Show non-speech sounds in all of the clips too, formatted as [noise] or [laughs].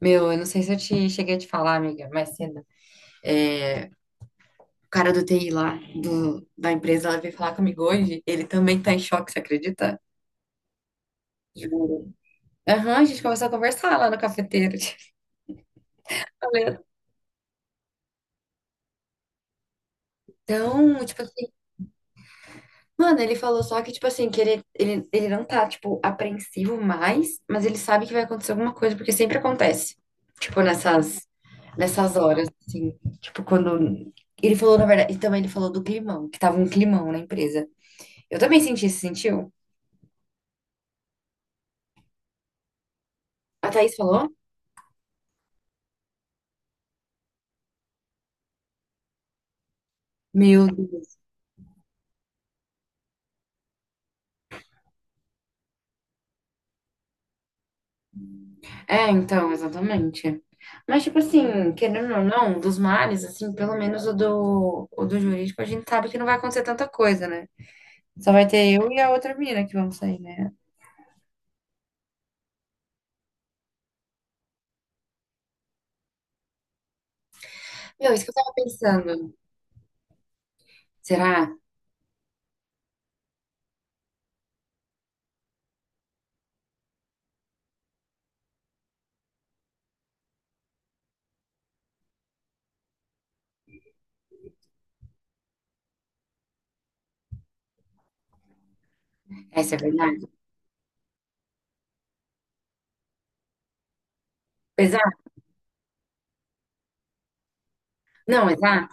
Meu, eu não sei se eu te cheguei a te falar, amiga, mais cedo. O cara do TI lá, da empresa, ela veio falar comigo hoje. Ele também tá em choque, você acredita? Juro. Aham, a gente começou a conversar lá no cafeteiro. [laughs] Tipo, falando. Então, tipo assim, mano, ele falou só que, tipo assim, que ele não tá, tipo, apreensivo mais, mas ele sabe que vai acontecer alguma coisa, porque sempre acontece. Tipo, nessas horas, assim, tipo, quando. Ele falou, na verdade, e também ele falou do climão, que tava um climão na empresa. Eu também senti, você sentiu? A Thaís falou? Meu Deus. É, então, exatamente. Mas, tipo assim, querendo ou não, dos males, assim, pelo menos o do jurídico, a gente sabe que não vai acontecer tanta coisa, né? Só vai ter eu e a outra mina que vamos sair, né? Meu, isso que eu tava pensando. Será? Essa é verdade? Exato? Não, exato?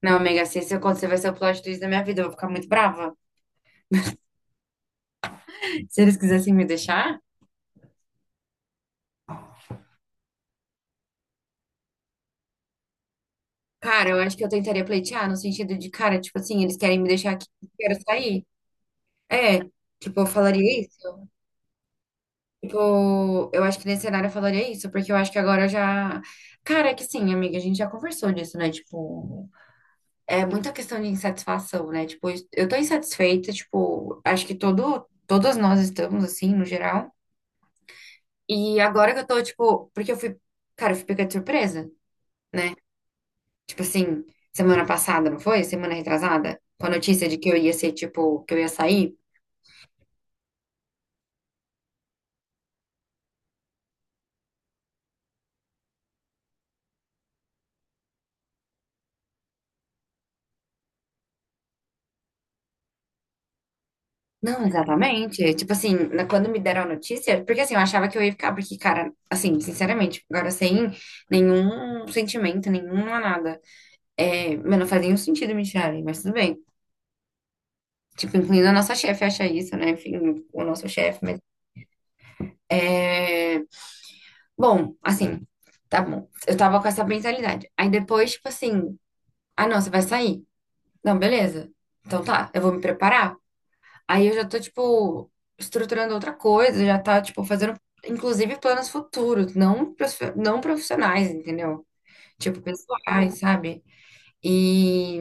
Não, Mega, se isso acontecer, vai ser o plot twist da minha vida. Eu vou ficar muito brava. Se eles quisessem me deixar, cara, eu acho que eu tentaria pleitear, no sentido de, cara, tipo assim, eles querem me deixar aqui, eu quero sair. É, tipo, eu falaria isso. Tipo, eu acho que nesse cenário eu falaria isso, porque eu acho que agora eu já. Cara, é que sim, amiga, a gente já conversou disso, né? Tipo, é muita questão de insatisfação, né? Tipo, eu tô insatisfeita, tipo, acho que todas nós estamos, assim, no geral. E agora que eu tô, tipo, porque eu fui, cara, eu fui pega de surpresa, né? Tipo assim, semana passada, não foi? Semana retrasada, com a notícia de que eu ia ser, tipo, que eu ia sair. Não, exatamente. Tipo assim, na- quando me deram a notícia, porque assim, eu achava que eu ia ficar, porque, cara, assim, sinceramente, agora sem nenhum sentimento, nenhuma nada. É, mas não faz nenhum sentido me tirarem, mas tudo bem. Tipo, incluindo a nossa chefe acha isso, né? Enfim, o nosso chefe, mas. É... Bom, assim, tá bom. Eu tava com essa mentalidade. Aí depois, tipo assim, ah, não, você vai sair. Não, beleza. Então tá, eu vou me preparar. Aí eu já tô, tipo, estruturando outra coisa, já tá, tipo, fazendo, inclusive, planos futuros, não, profi- não profissionais, entendeu? Tipo, pessoais, sabe? E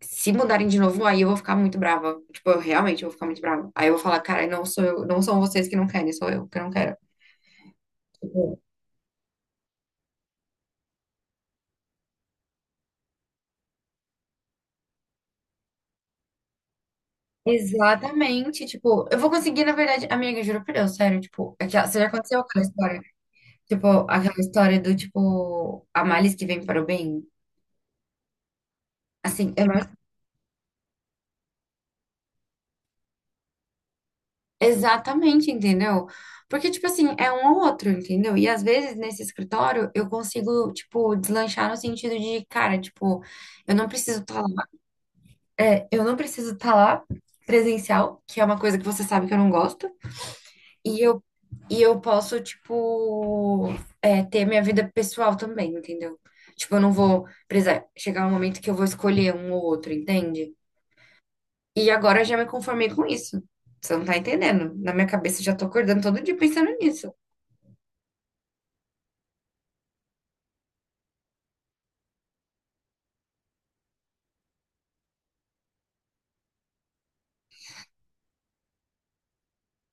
se mudarem de novo, aí eu vou ficar muito brava. Tipo, eu realmente vou ficar muito brava. Aí eu vou falar, cara, não sou eu, não são vocês que não querem, sou eu que não quero. Tipo, exatamente, tipo, eu vou conseguir, na verdade, amiga, juro por Deus, sério, tipo, aquela, você já aconteceu aquela história, tipo, aquela história do, tipo, a malice que vem para o bem? Assim, eu não exatamente, entendeu? Porque, tipo assim, é um ou outro, entendeu? E às vezes nesse escritório eu consigo, tipo, deslanchar no sentido de, cara, tipo, eu não preciso estar lá, é, eu não preciso estar lá presencial, que é uma coisa que você sabe que eu não gosto, e eu, e eu posso, tipo, é, ter minha vida pessoal também, entendeu? Tipo, eu não vou precisar chegar um momento que eu vou escolher um ou outro, entende? E agora eu já me conformei com isso. Você não tá entendendo. Na minha cabeça eu já tô acordando todo dia pensando nisso.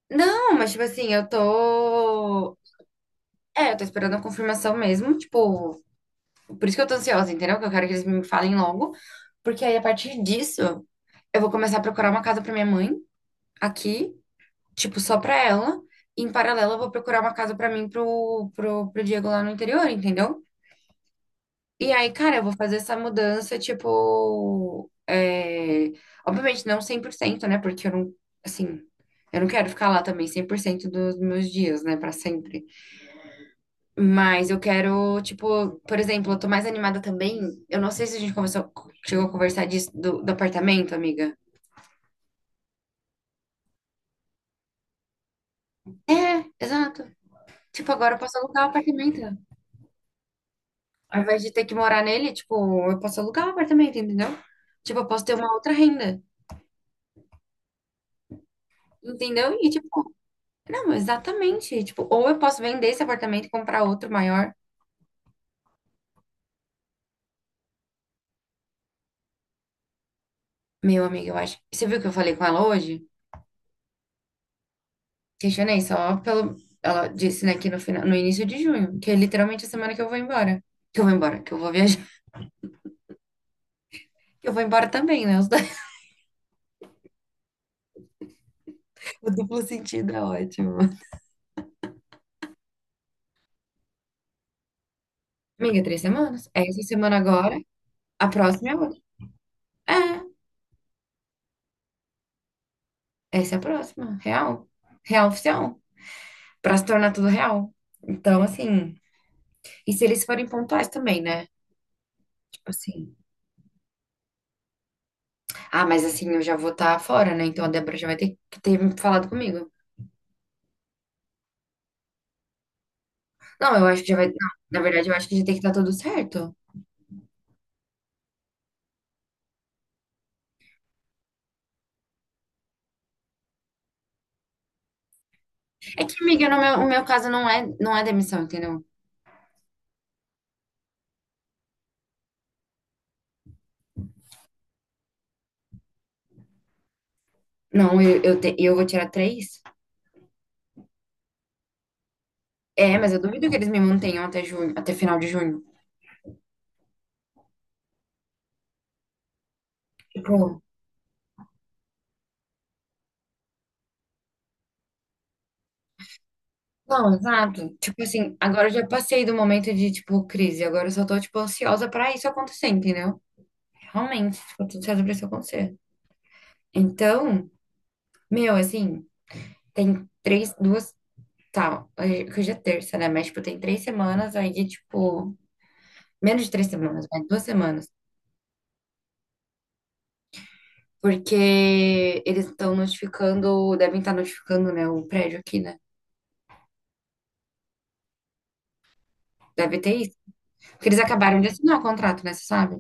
Não, mas tipo assim, eu tô. É, eu tô esperando a confirmação mesmo. Tipo, por isso que eu tô ansiosa, entendeu? Que eu quero que eles me falem logo. Porque aí a partir disso, eu vou começar a procurar uma casa pra minha mãe aqui, tipo, só pra ela. E em paralelo, eu vou procurar uma casa pra mim pro, pro Diego lá no interior, entendeu? E aí, cara, eu vou fazer essa mudança, tipo, é... obviamente não cem por cento, né? Porque eu não, assim, eu não quero ficar lá também 100% dos meus dias, né, pra sempre. Mas eu quero, tipo, por exemplo, eu tô mais animada também. Eu não sei se a gente conversou, chegou a conversar disso do, do apartamento, amiga. É, exato. Tipo, agora eu posso alugar o apartamento. Ao invés de ter que morar nele, tipo, eu posso alugar o apartamento, entendeu? Tipo, eu posso ter uma outra renda, entendeu? E, tipo, não, exatamente. Tipo, ou eu posso vender esse apartamento e comprar outro maior. Meu amigo, eu acho. Você viu que eu falei com ela hoje? Questionei só pelo. Ela disse, né, que no final, no início de junho, que é literalmente a semana que eu vou embora. Que eu vou embora, que eu vou viajar. [laughs] Que eu vou embora também, né? Os dois- [laughs] O duplo sentido é ótimo. Amiga, três semanas. É essa semana agora. A próxima é outra. É, essa é a próxima. Real. Real oficial. Pra se tornar tudo real. Então, assim. E se eles forem pontuais também, né? Tipo assim. Ah, mas assim, eu já vou estar fora, né? Então a Débora já vai ter que ter falado comigo. Não, eu acho que já vai. Não, na verdade, eu acho que já tem que estar tudo certo. É que, amiga, no meu, o meu caso não é, não é demissão, entendeu? Não, eu vou tirar três. É, mas eu duvido que eles me mantenham até junho, até final de junho. Tipo, não, exato. Tipo assim, agora eu já passei do momento de, tipo, crise. Agora eu só tô, tipo, ansiosa pra isso acontecer, entendeu? Realmente, ficou tudo certo pra isso acontecer. Então, meu, assim, tem três, duas. Tá, hoje, porque hoje é terça, né? Mas, tipo, tem três semanas aí de, tipo, menos de três semanas, mas duas semanas. Porque eles estão notificando, devem estar notificando, né, o prédio aqui, né? Deve ter isso. Porque eles acabaram de assinar o contrato, né? Você sabe?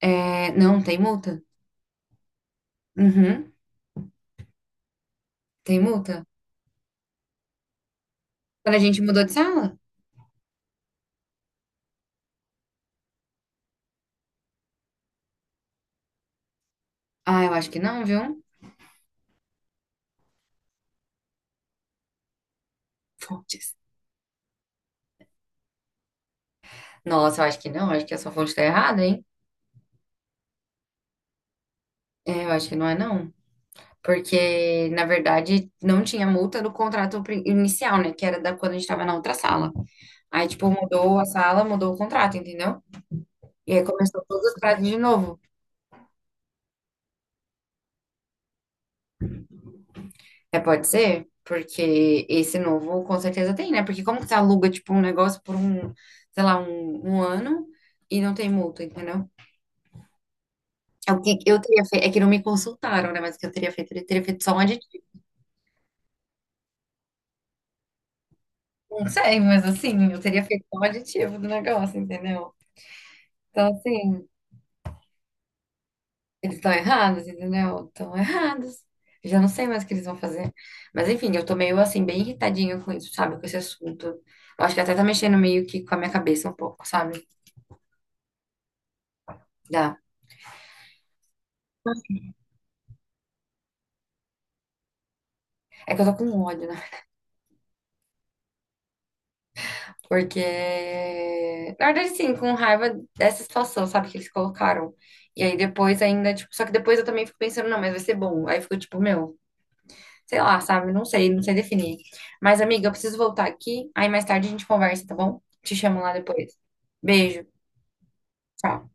É, não, tem multa. Uhum, tem multa. Quando a gente mudou de sala? Ah, eu acho que não, viu? Fontes. Nossa, eu acho que não. Eu acho que essa fonte tá errada, hein? É, eu acho que não é, não. Porque, na verdade, não tinha multa do contrato pri- inicial, né? Que era da quando a gente tava na outra sala. Aí, tipo, mudou a sala, mudou o contrato, entendeu? E aí começou todos os prazos de novo. É, pode ser? Porque esse novo com certeza tem, né? Porque como que você aluga, tipo, um negócio por um, sei lá, um ano e não tem multa, entendeu? É o que eu teria feito. É que não me consultaram, né? Mas o que eu teria feito? Eu teria feito só um aditivo. Não sei, mas assim, eu teria feito só um aditivo do negócio, entendeu? Então, assim. Eles estão errados, entendeu? Estão errados. Já não sei mais o que eles vão fazer. Mas enfim, eu tô meio assim, bem irritadinha com isso, sabe? Com esse assunto. Eu acho que até tá mexendo meio que com a minha cabeça um pouco, sabe? Dá. É que eu tô com ódio, né? Porque. Na verdade, sim, com raiva dessa situação, sabe? Que eles colocaram. E aí depois ainda, tipo. Só que depois eu também fico pensando, não, mas vai ser bom. Aí eu fico tipo, meu, sei lá, sabe? Não sei, não sei definir. Mas, amiga, eu preciso voltar aqui. Aí mais tarde a gente conversa, tá bom? Te chamo lá depois. Beijo. Tchau.